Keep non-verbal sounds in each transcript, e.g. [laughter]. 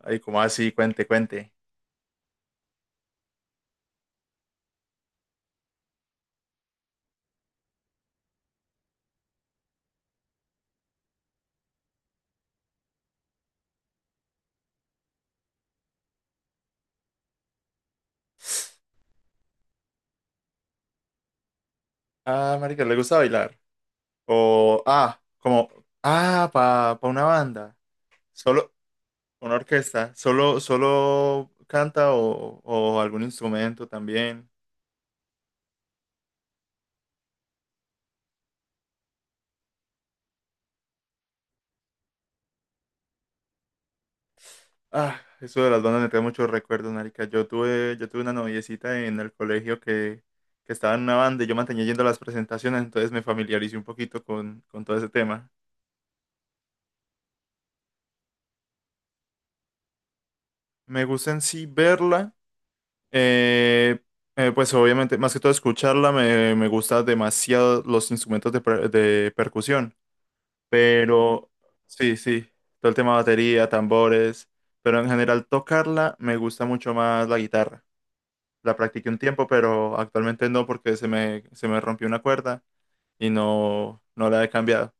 Ay, como así? Cuente, cuente. Ah, marica, ¿le gusta bailar? O, ah, como, ah, pa una banda. Solo, una orquesta. Solo, ¿solo canta o algún instrumento también? Ah, eso de las bandas me trae muchos recuerdos, marica. Yo tuve una noviecita en el colegio que estaba en una banda y yo mantenía yendo a las presentaciones, entonces me familiaricé un poquito con todo ese tema. Me gusta en sí verla. Eh, pues obviamente, más que todo escucharla, me gustan demasiado los instrumentos de, de percusión, pero sí, sí, todo el tema de batería, tambores, pero en general tocarla me gusta mucho más la guitarra. La practiqué un tiempo, pero actualmente no porque se me rompió una cuerda y no, no la he cambiado.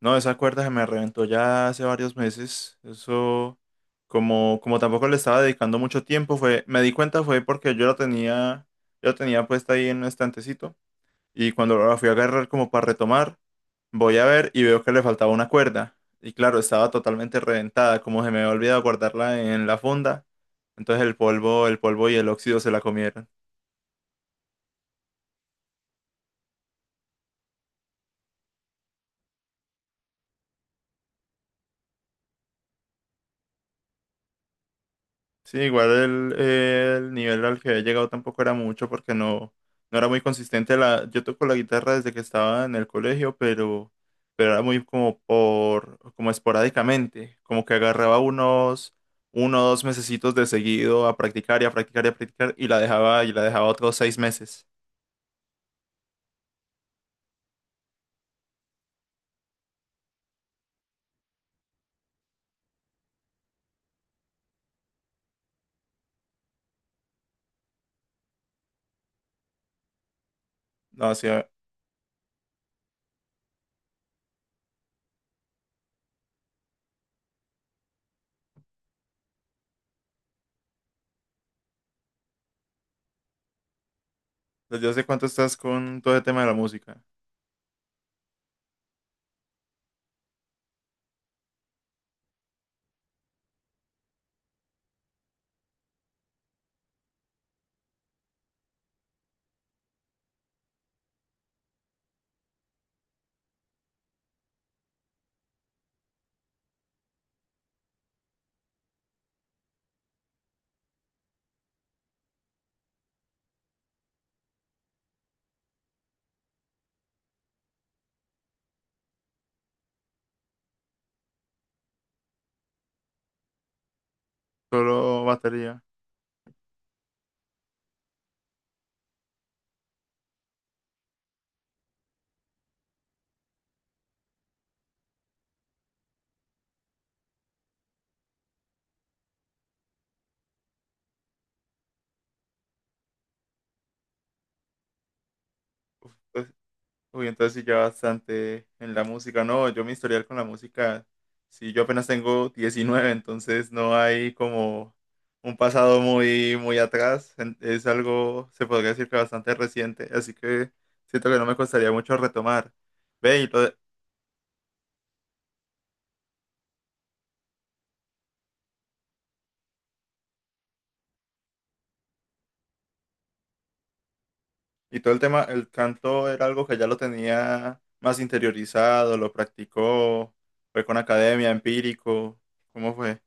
No, esa cuerda se me reventó ya hace varios meses. Eso, como, como tampoco le estaba dedicando mucho tiempo, fue, me di cuenta fue porque yo la tenía puesta ahí en un estantecito. Y cuando la fui a agarrar como para retomar, voy a ver y veo que le faltaba una cuerda. Y claro, estaba totalmente reventada, como se me había olvidado guardarla en la funda. Entonces el polvo y el óxido se la comieron. Sí, igual el nivel al que había llegado tampoco era mucho porque no, no era muy consistente. La, yo toco la guitarra desde que estaba en el colegio, pero era muy como por, como esporádicamente, como que agarraba unos, uno o dos mesecitos de seguido a practicar y a practicar y a practicar y la dejaba otros seis meses. No, o sea, ¿desde hace cuánto estás con todo el tema de la música? Solo batería. Uy, entonces sí ya bastante en la música. No, yo mi historial con la música, sí, yo apenas tengo 19, entonces no hay como un pasado muy, muy atrás. En- es algo, se podría decir que bastante reciente, así que siento que no me costaría mucho retomar. Ve, y todo, y todo el tema, el canto era algo que ya lo tenía más interiorizado, lo practicó, fue con academia, empírico, ¿cómo fue?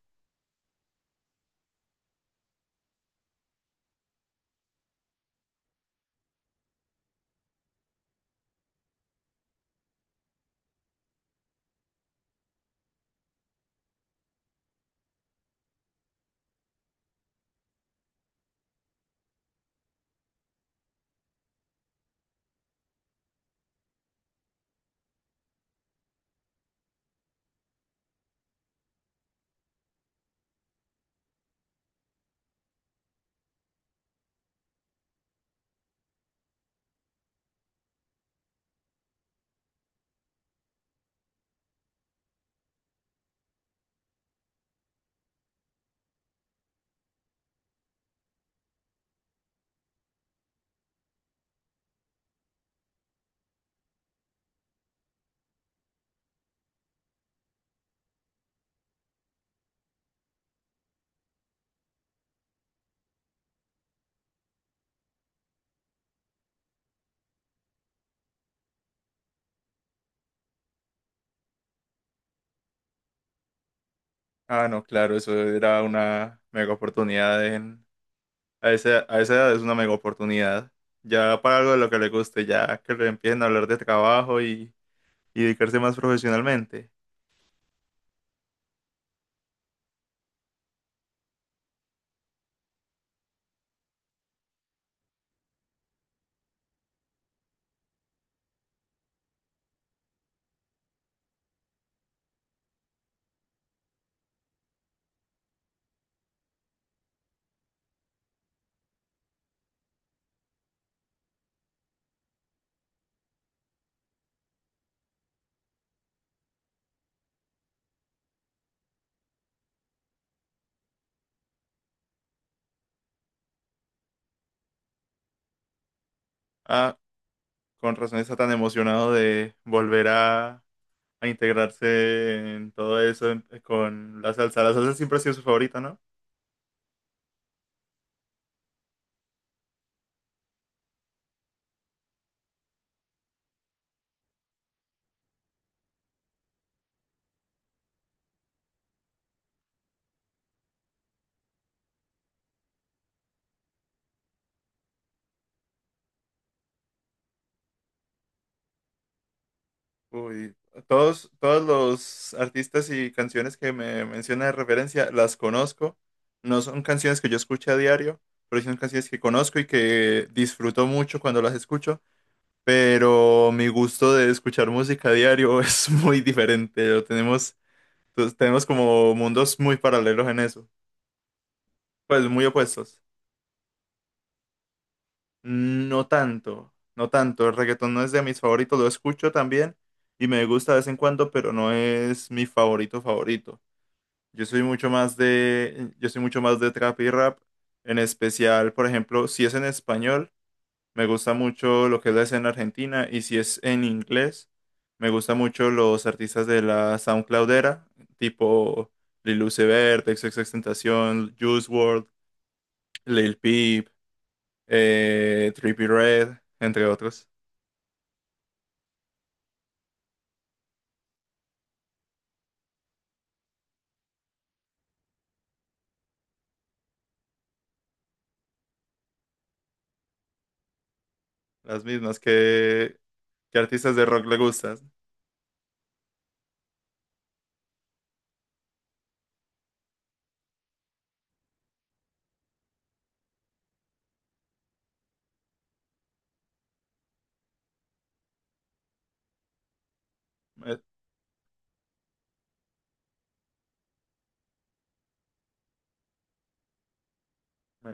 Ah, no, claro, eso era una mega oportunidad. En a esa edad es una mega oportunidad. Ya para algo de lo que le guste, ya que le empiecen a hablar de trabajo y dedicarse más profesionalmente. Ah, con razón está tan emocionado de volver a integrarse en todo eso en- con la salsa. La salsa siempre ha sido su favorita, ¿no? Uy, todos, todos los artistas y canciones que me menciona de referencia las conozco. No son canciones que yo escuche a diario, pero sí son canciones que conozco y que disfruto mucho cuando las escucho, pero mi gusto de escuchar música a diario [laughs] es muy diferente. Lo tenemos, pues, tenemos como mundos muy paralelos en eso, pues muy opuestos. No tanto, no tanto. El reggaetón no es de mis favoritos, lo escucho también y me gusta de vez en cuando, pero no es mi favorito favorito. Yo soy mucho más de trap y rap, en especial, por ejemplo, si es en español. Me gusta mucho lo que es la escena argentina y si es en inglés, me gusta mucho los artistas de la SoundCloudera, tipo Lil Uzi Vert, XXXTentacion, Juice World, Lil Peep, Trippie Redd, entre otros. Las mismas que artistas de rock le gustan? Me- me-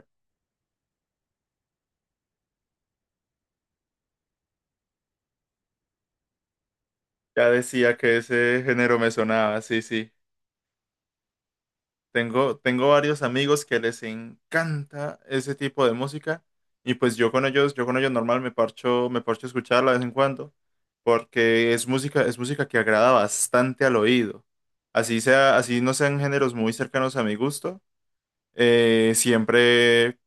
ya decía que ese género me sonaba, sí, sí. Tengo varios amigos que les encanta ese tipo de música y pues yo con ellos normal me parcho a escucharla de vez en cuando porque es música que agrada bastante al oído. Así sea, así no sean géneros muy cercanos a mi gusto, eh, siempre,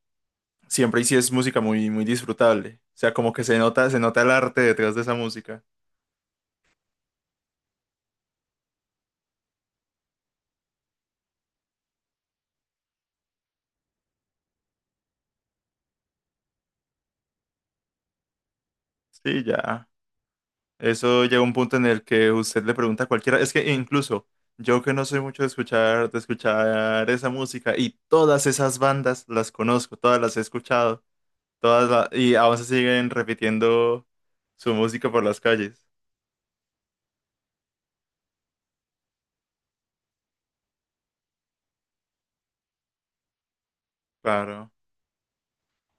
siempre y sí es música muy, muy disfrutable. O sea, como que se nota el arte detrás de esa música. Sí, ya. Eso llega a un punto en el que usted le pregunta a cualquiera, es que incluso yo que no soy mucho de escuchar esa música y todas esas bandas las conozco, todas las he escuchado, y aún se siguen repitiendo su música por las calles. Claro.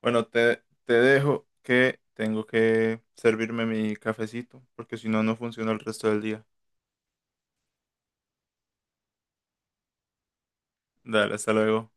Bueno, te dejo que tengo que servirme mi cafecito, porque si no, no funciona el resto del día. Dale, hasta luego.